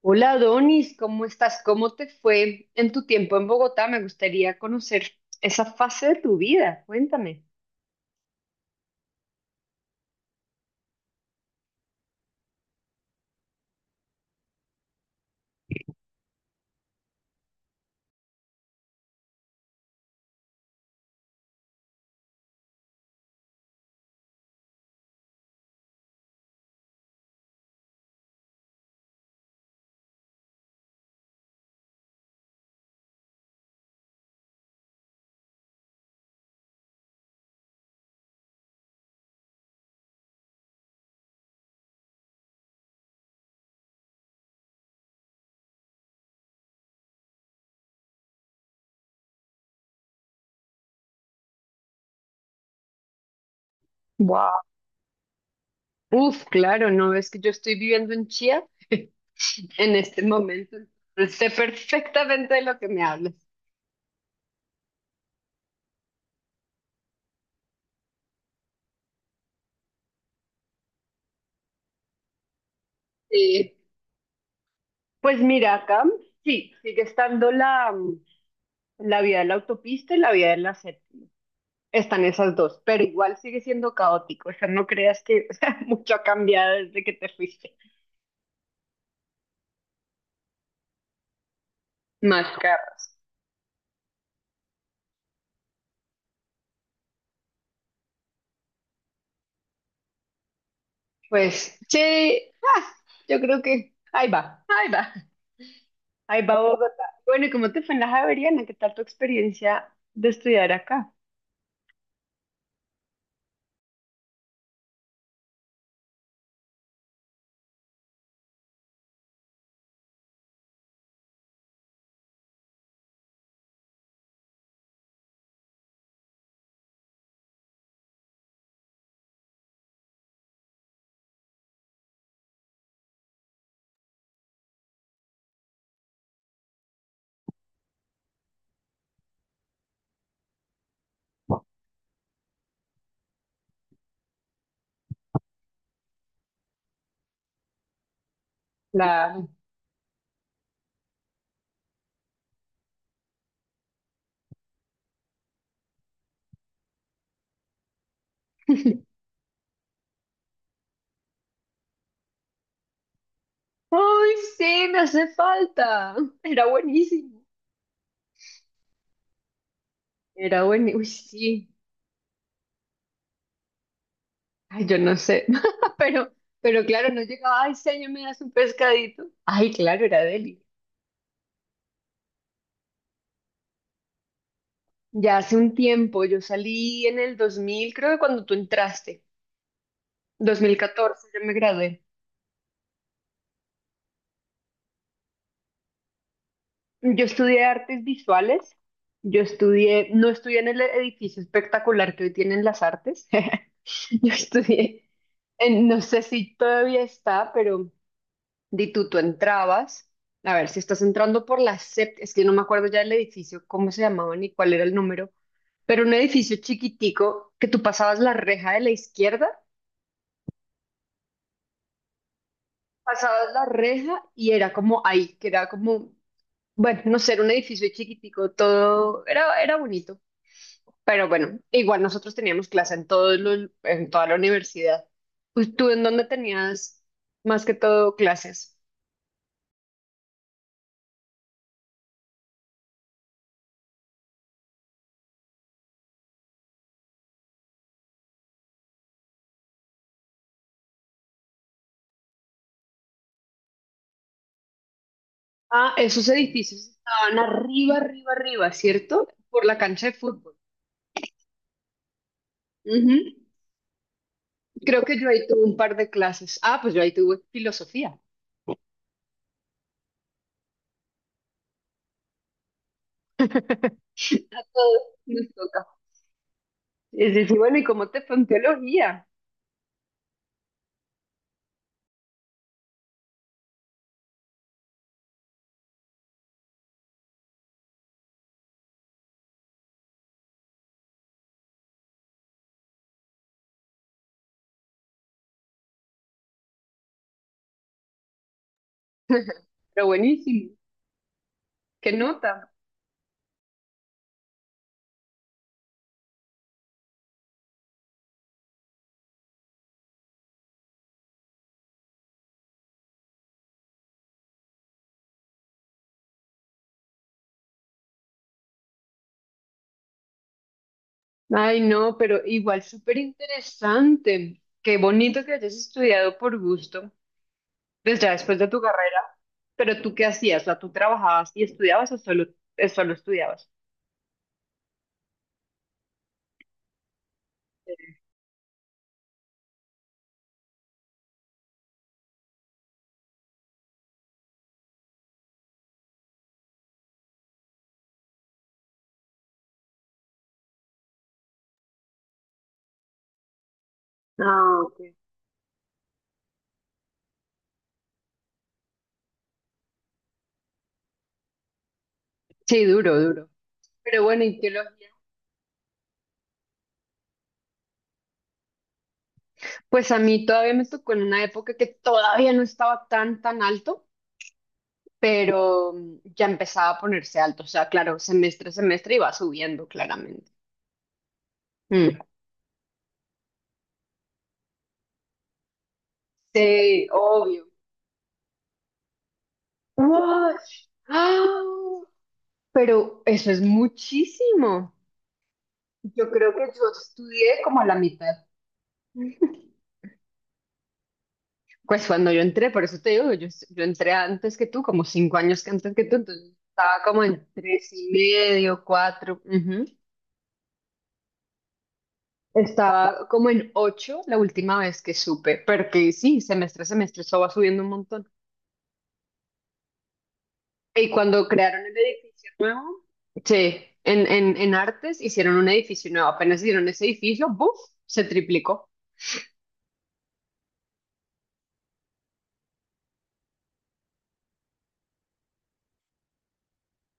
Hola Donis, ¿cómo estás? ¿Cómo te fue en tu tiempo en Bogotá? Me gustaría conocer esa fase de tu vida. Cuéntame. Wow. Uf, claro, no es que yo estoy viviendo en Chía en este momento. Sé perfectamente de lo que me hablas. Eh, pues mira, acá sí, sigue estando la vía de la autopista y la vía de la séptima. Están esas dos, pero igual sigue siendo caótico. O sea, no creas que o sea, mucho ha cambiado desde que te fuiste. Más carros. Pues, che, yo creo que ahí va, ahí va, ahí va Bogotá. Bueno, ¿y cómo te fue en la Javeriana? ¿Qué tal tu experiencia de estudiar acá? La... ¡Ay, sí, me hace falta! Era buenísimo. Era buenísimo, uy, sí. Ay, yo no sé, pero, pero claro, no llegaba, ay, señor, me das un pescadito. Ay, claro, era deli. Ya hace un tiempo, yo salí en el 2000, creo que cuando tú entraste, 2014, yo me gradué. Yo estudié artes visuales. No estudié en el edificio espectacular que hoy tienen las artes. Yo estudié, no sé si todavía está, pero di tú entrabas. A ver, si estás entrando por la séptima, es que no me acuerdo ya del edificio, cómo se llamaba ni cuál era el número, pero un edificio chiquitico que tú pasabas la reja de la izquierda, pasabas la reja y era como ahí, que era como, bueno, no sé, era un edificio chiquitico, todo era bonito. Pero bueno, igual nosotros teníamos clase en en toda la universidad. Pues, ¿tú en dónde tenías más que todo clases? Ah, esos edificios estaban arriba, arriba, arriba, ¿cierto? Por la cancha de fútbol. Ujú. Creo que yo ahí tuve un par de clases. Ah, pues yo ahí tuve filosofía. A todos nos toca. Es decir, bueno, ¿y cómo te fue en teología? Pero buenísimo. ¿Qué nota? Ay, no, pero igual súper interesante. Qué bonito que hayas estudiado por gusto. Pues ya después de tu carrera, ¿pero tú qué hacías? O sea, ¿tú trabajabas y estudiabas o solo estudiabas? Ah, ok. Sí, duro, duro. Pero bueno, ¿y teología? Pues a mí todavía me tocó en una época que todavía no estaba tan, tan alto, pero ya empezaba a ponerse alto. O sea, claro, semestre a semestre iba subiendo claramente. Mm. Sí, obvio. Wow. ¡Ah! Pero eso es muchísimo. Yo creo que yo estudié como a la mitad. Pues cuando yo entré, por eso te digo, yo entré antes que tú, como 5 años que antes que tú, entonces estaba como en tres y medio, cuatro, ujú. Estaba como en ocho la última vez que supe, porque sí, semestre a semestre eso va subiendo un montón. Y cuando crearon el edificio nuevo, sí, en Artes hicieron un edificio nuevo, apenas hicieron ese edificio, ¡buf! Se triplicó.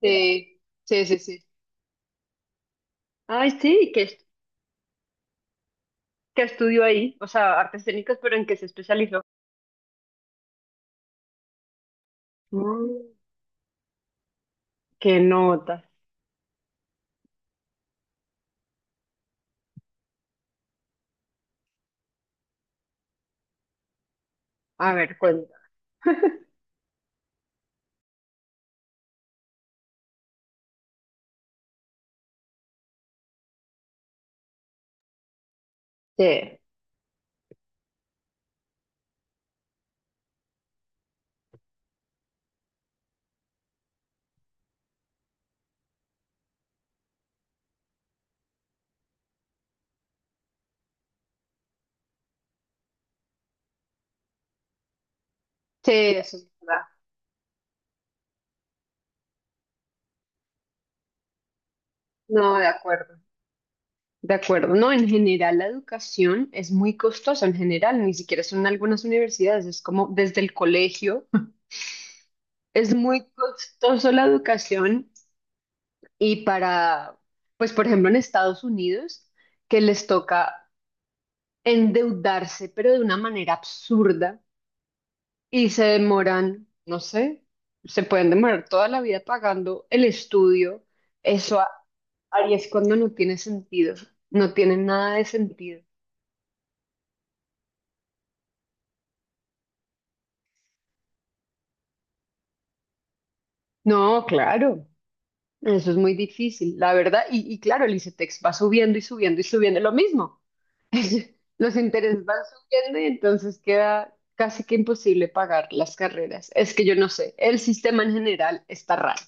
Sí, sí, sí, sí. Ay, sí, ¿qué estudió ahí? O sea, artes escénicas, pero ¿en qué se especializó? Mm. ¿Qué notas? A ver, cuenta. Sí, sí, eso es verdad. No, de acuerdo. De acuerdo. No, en general la educación es muy costosa, en general, ni siquiera son algunas universidades, es como desde el colegio. Es muy costoso la educación y para, pues por ejemplo en Estados Unidos, que les toca endeudarse, pero de una manera absurda y se demoran, no sé, se pueden demorar toda la vida pagando el estudio. Eso Aries cuando no tiene sentido, no tiene nada de sentido. No, claro, eso es muy difícil, la verdad. Y claro, el ICETEX va subiendo y subiendo y subiendo lo mismo. Los intereses van subiendo y entonces queda casi que imposible pagar las carreras. Es que yo no sé, el sistema en general está raro.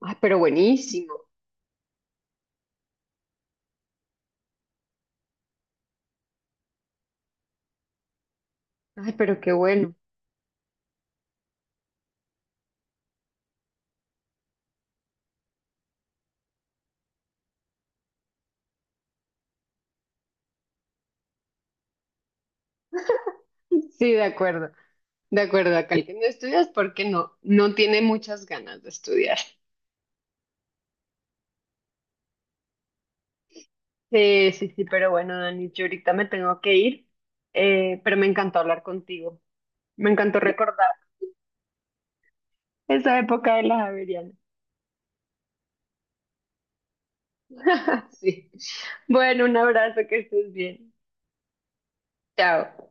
Ay, pero buenísimo. Ay, pero qué bueno. Sí, de acuerdo, de acuerdo. Acá el que no estudias porque no, no tiene muchas ganas de estudiar. Sí, sí, sí, pero bueno, Dani, yo ahorita me tengo que ir, pero me encantó hablar contigo. Me encantó recordar esa época de las Javeriana. Sí. Bueno, un abrazo, que estés bien. Chao.